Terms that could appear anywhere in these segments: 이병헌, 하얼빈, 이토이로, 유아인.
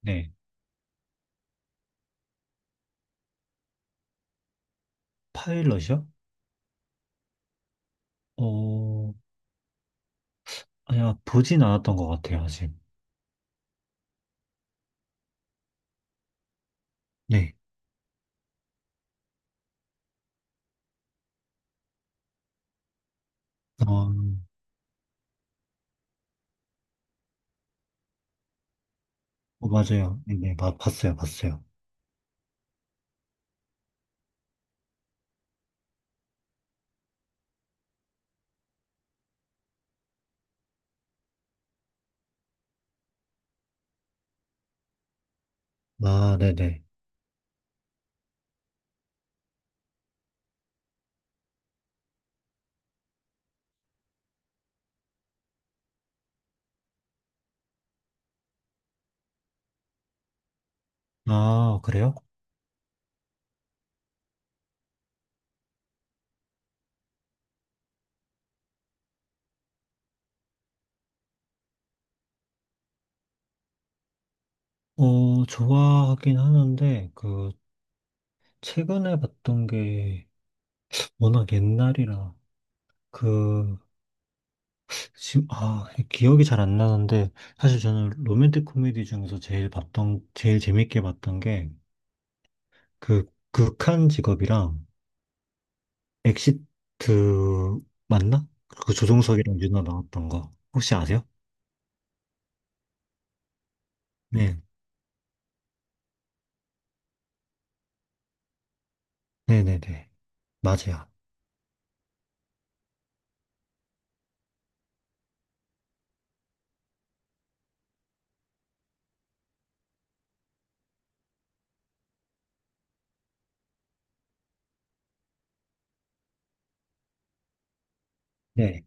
네. 파일럿이요? 어, 아니야, 보진 않았던 것 같아요, 아직. 네. 어, 맞아요. 네, 네, 봤어요, 봤어요. 아, 네네. 아, 그래요? 좋아하긴 하는데, 최근에 봤던 게 워낙 옛날이라, 그, 지금, 기억이 잘 안 나는데, 사실 저는 로맨틱 코미디 중에서 제일 재밌게 봤던 게, 그, 극한 직업이랑, 엑시트 맞나? 그 조종석이랑 유나 나왔던 거 혹시 아세요? 네, 네네네 맞아요. 네.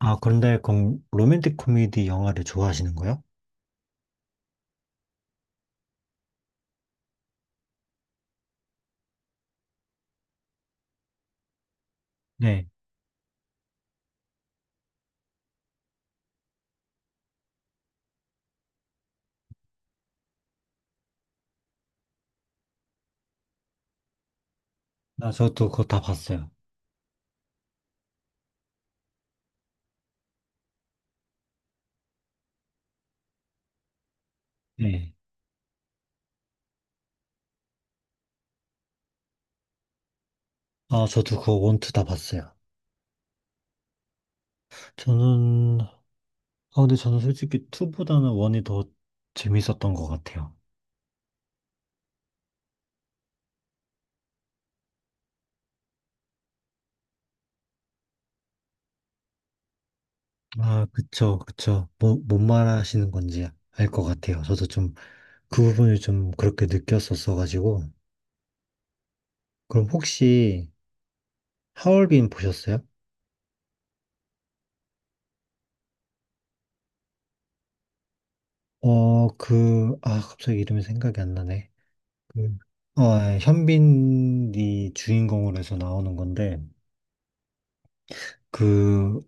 아 그런데 그럼 로맨틱 코미디 영화를 좋아하시는 거예요? 네. 아 저도 그거 다 봤어요. 네. 아 저도 그거 원투 다 봤어요. 저는 아 근데 저는 솔직히 투보다는 원이 더 재밌었던 것 같아요. 아 그쵸 그쵸, 뭐, 뭔 말하시는 건지 알 것 같아요. 저도 좀 그 부분을 좀 그렇게 느꼈었어가지고. 그럼 혹시 하얼빈 보셨어요? 갑자기 이름이 생각이 안 나네. 그, 예, 현빈이 주인공으로 해서 나오는 건데, 그,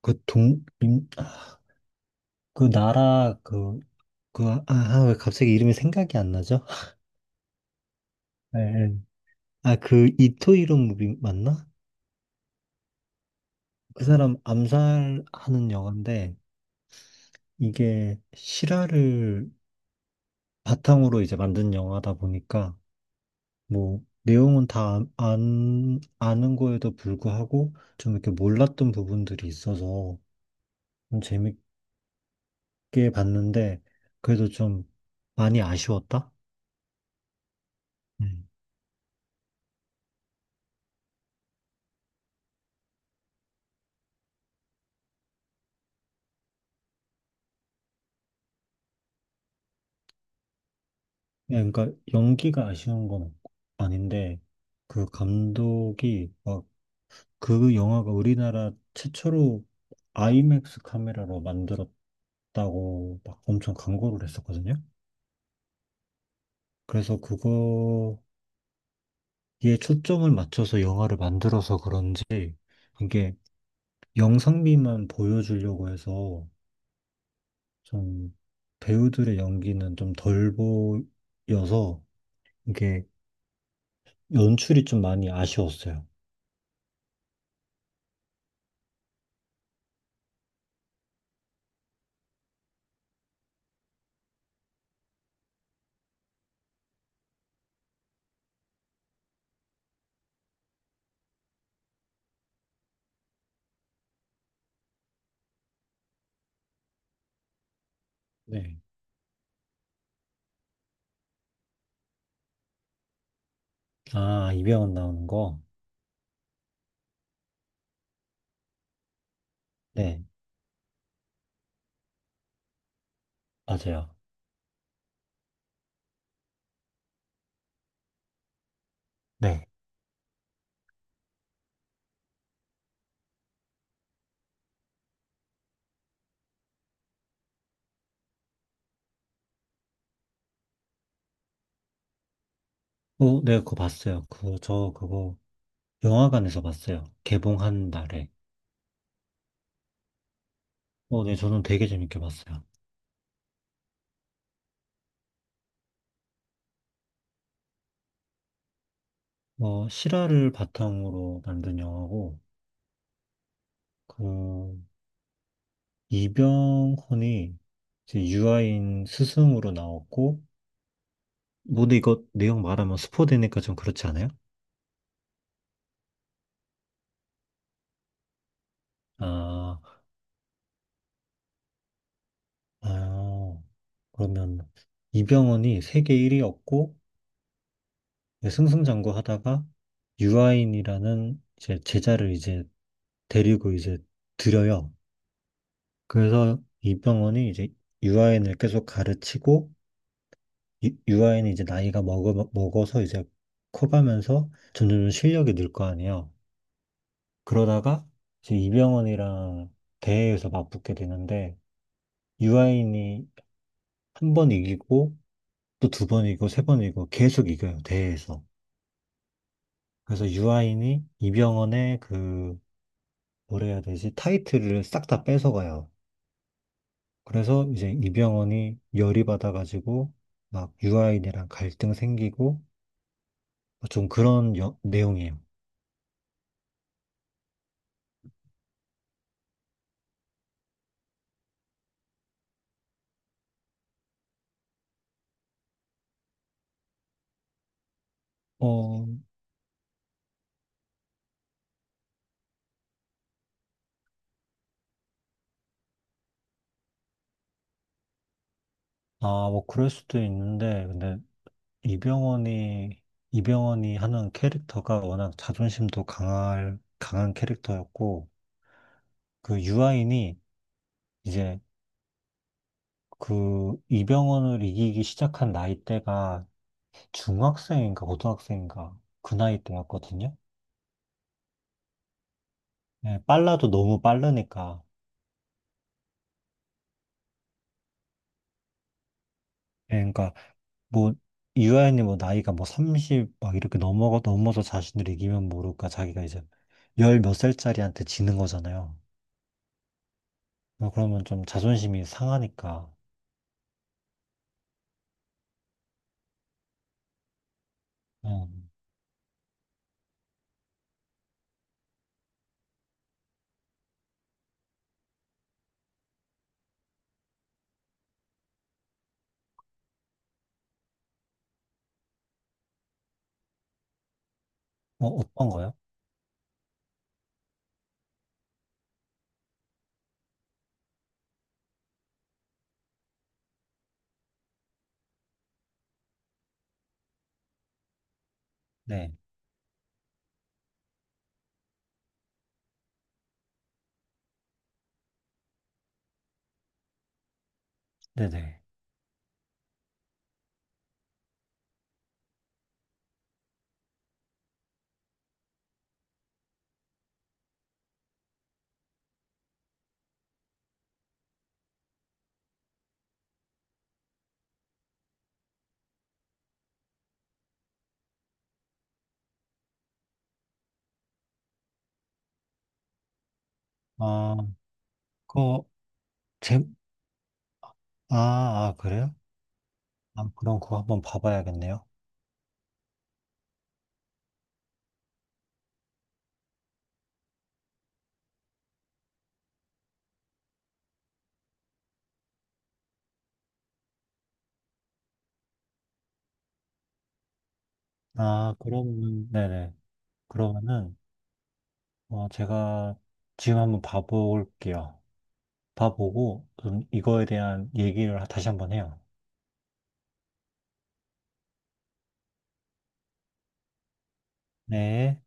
그 동, 민- 아, 그 나라, 그, 그, 아, 아, 왜 갑자기 이름이 생각이 안 나죠? 예, 예. 이토이로 무비 맞나? 그 사람 암살하는 영화인데, 이게 실화를 바탕으로 이제 만든 영화다 보니까, 뭐 내용은 다 안, 아는 거에도 불구하고 좀 이렇게 몰랐던 부분들이 있어서 좀 재밌게 봤는데 그래도 좀 많이 아쉬웠다? 음. 그러니까 연기가 아쉬운 건 아닌데 그 감독이 막 그 영화가 우리나라 최초로 아이맥스 카메라로 만들었다고 막 엄청 광고를 했었거든요. 그래서 그거... 얘 초점을 맞춰서 영화를 만들어서 그런지 이게 영상미만 보여주려고 해서 좀 배우들의 연기는 좀 덜 보여서 이게 연출이 좀 많이 아쉬웠어요. 네. 아, 이병헌 나오는 거? 네, 맞아요. 네. 네, 그거 봤어요. 저 그거 영화관에서 봤어요. 개봉한 날에. 네, 저는 되게 재밌게 봤어요. 실화를 바탕으로 만든 영화고, 그, 이병헌이 이제 유아인 스승으로 나왔고, 뭐 근데 이거 내용 말하면 스포되니까 좀 그렇지 않아요? 아, 아, 그러면 이병헌이 세계 1위였고, 승승장구하다가 유아인이라는 이제 제자를 이제 데리고 이제 들여요. 그래서 이병헌이 이제 유아인을 계속 가르치고 유아인이 이제 나이가 먹어서 이제 커가면서 점점 실력이 늘 거 아니에요. 그러다가 이제 이병헌이랑 대회에서 맞붙게 되는데 유아인이 한 번 이기고 또 두 번 이기고 세 번 이기고 계속 이겨요 대회에서. 그래서 유아인이 이병헌의 그 뭐라 해야 되지 타이틀을 싹 다 뺏어가요. 그래서 이제 이병헌이 열이 받아가지고 막 유아인이랑 갈등 생기고 좀 그런 내용이에요. 어, 뭐 그럴 수도 있는데 근데 이병헌이, 이병헌이 하는 캐릭터가 워낙 강한 캐릭터였고, 그 유아인이 이제 그 이병헌을 이기기 시작한 나이대가 중학생인가 고등학생인가 그 나이 때였거든요. 예, 빨라도 너무 빠르니까. 예, 그러니까 뭐 유아인이 뭐 나이가 뭐 30 막 이렇게 넘어가 넘어서 자신을 이기면 모를까 자기가 이제 열 몇 살짜리한테 지는 거잖아요. 그러면 좀 자존심이 상하니까. 어, 뭐 어떤 거요? 네, 네네. 아, 그거, 제, 그래요? 아, 그럼 그거 한번 봐봐야겠네요. 아, 그러면, 네네. 그러면은, 제가 지금 한번 봐볼게요. 봐보고, 좀 이거에 대한 얘기를 다시 한번 해요. 네.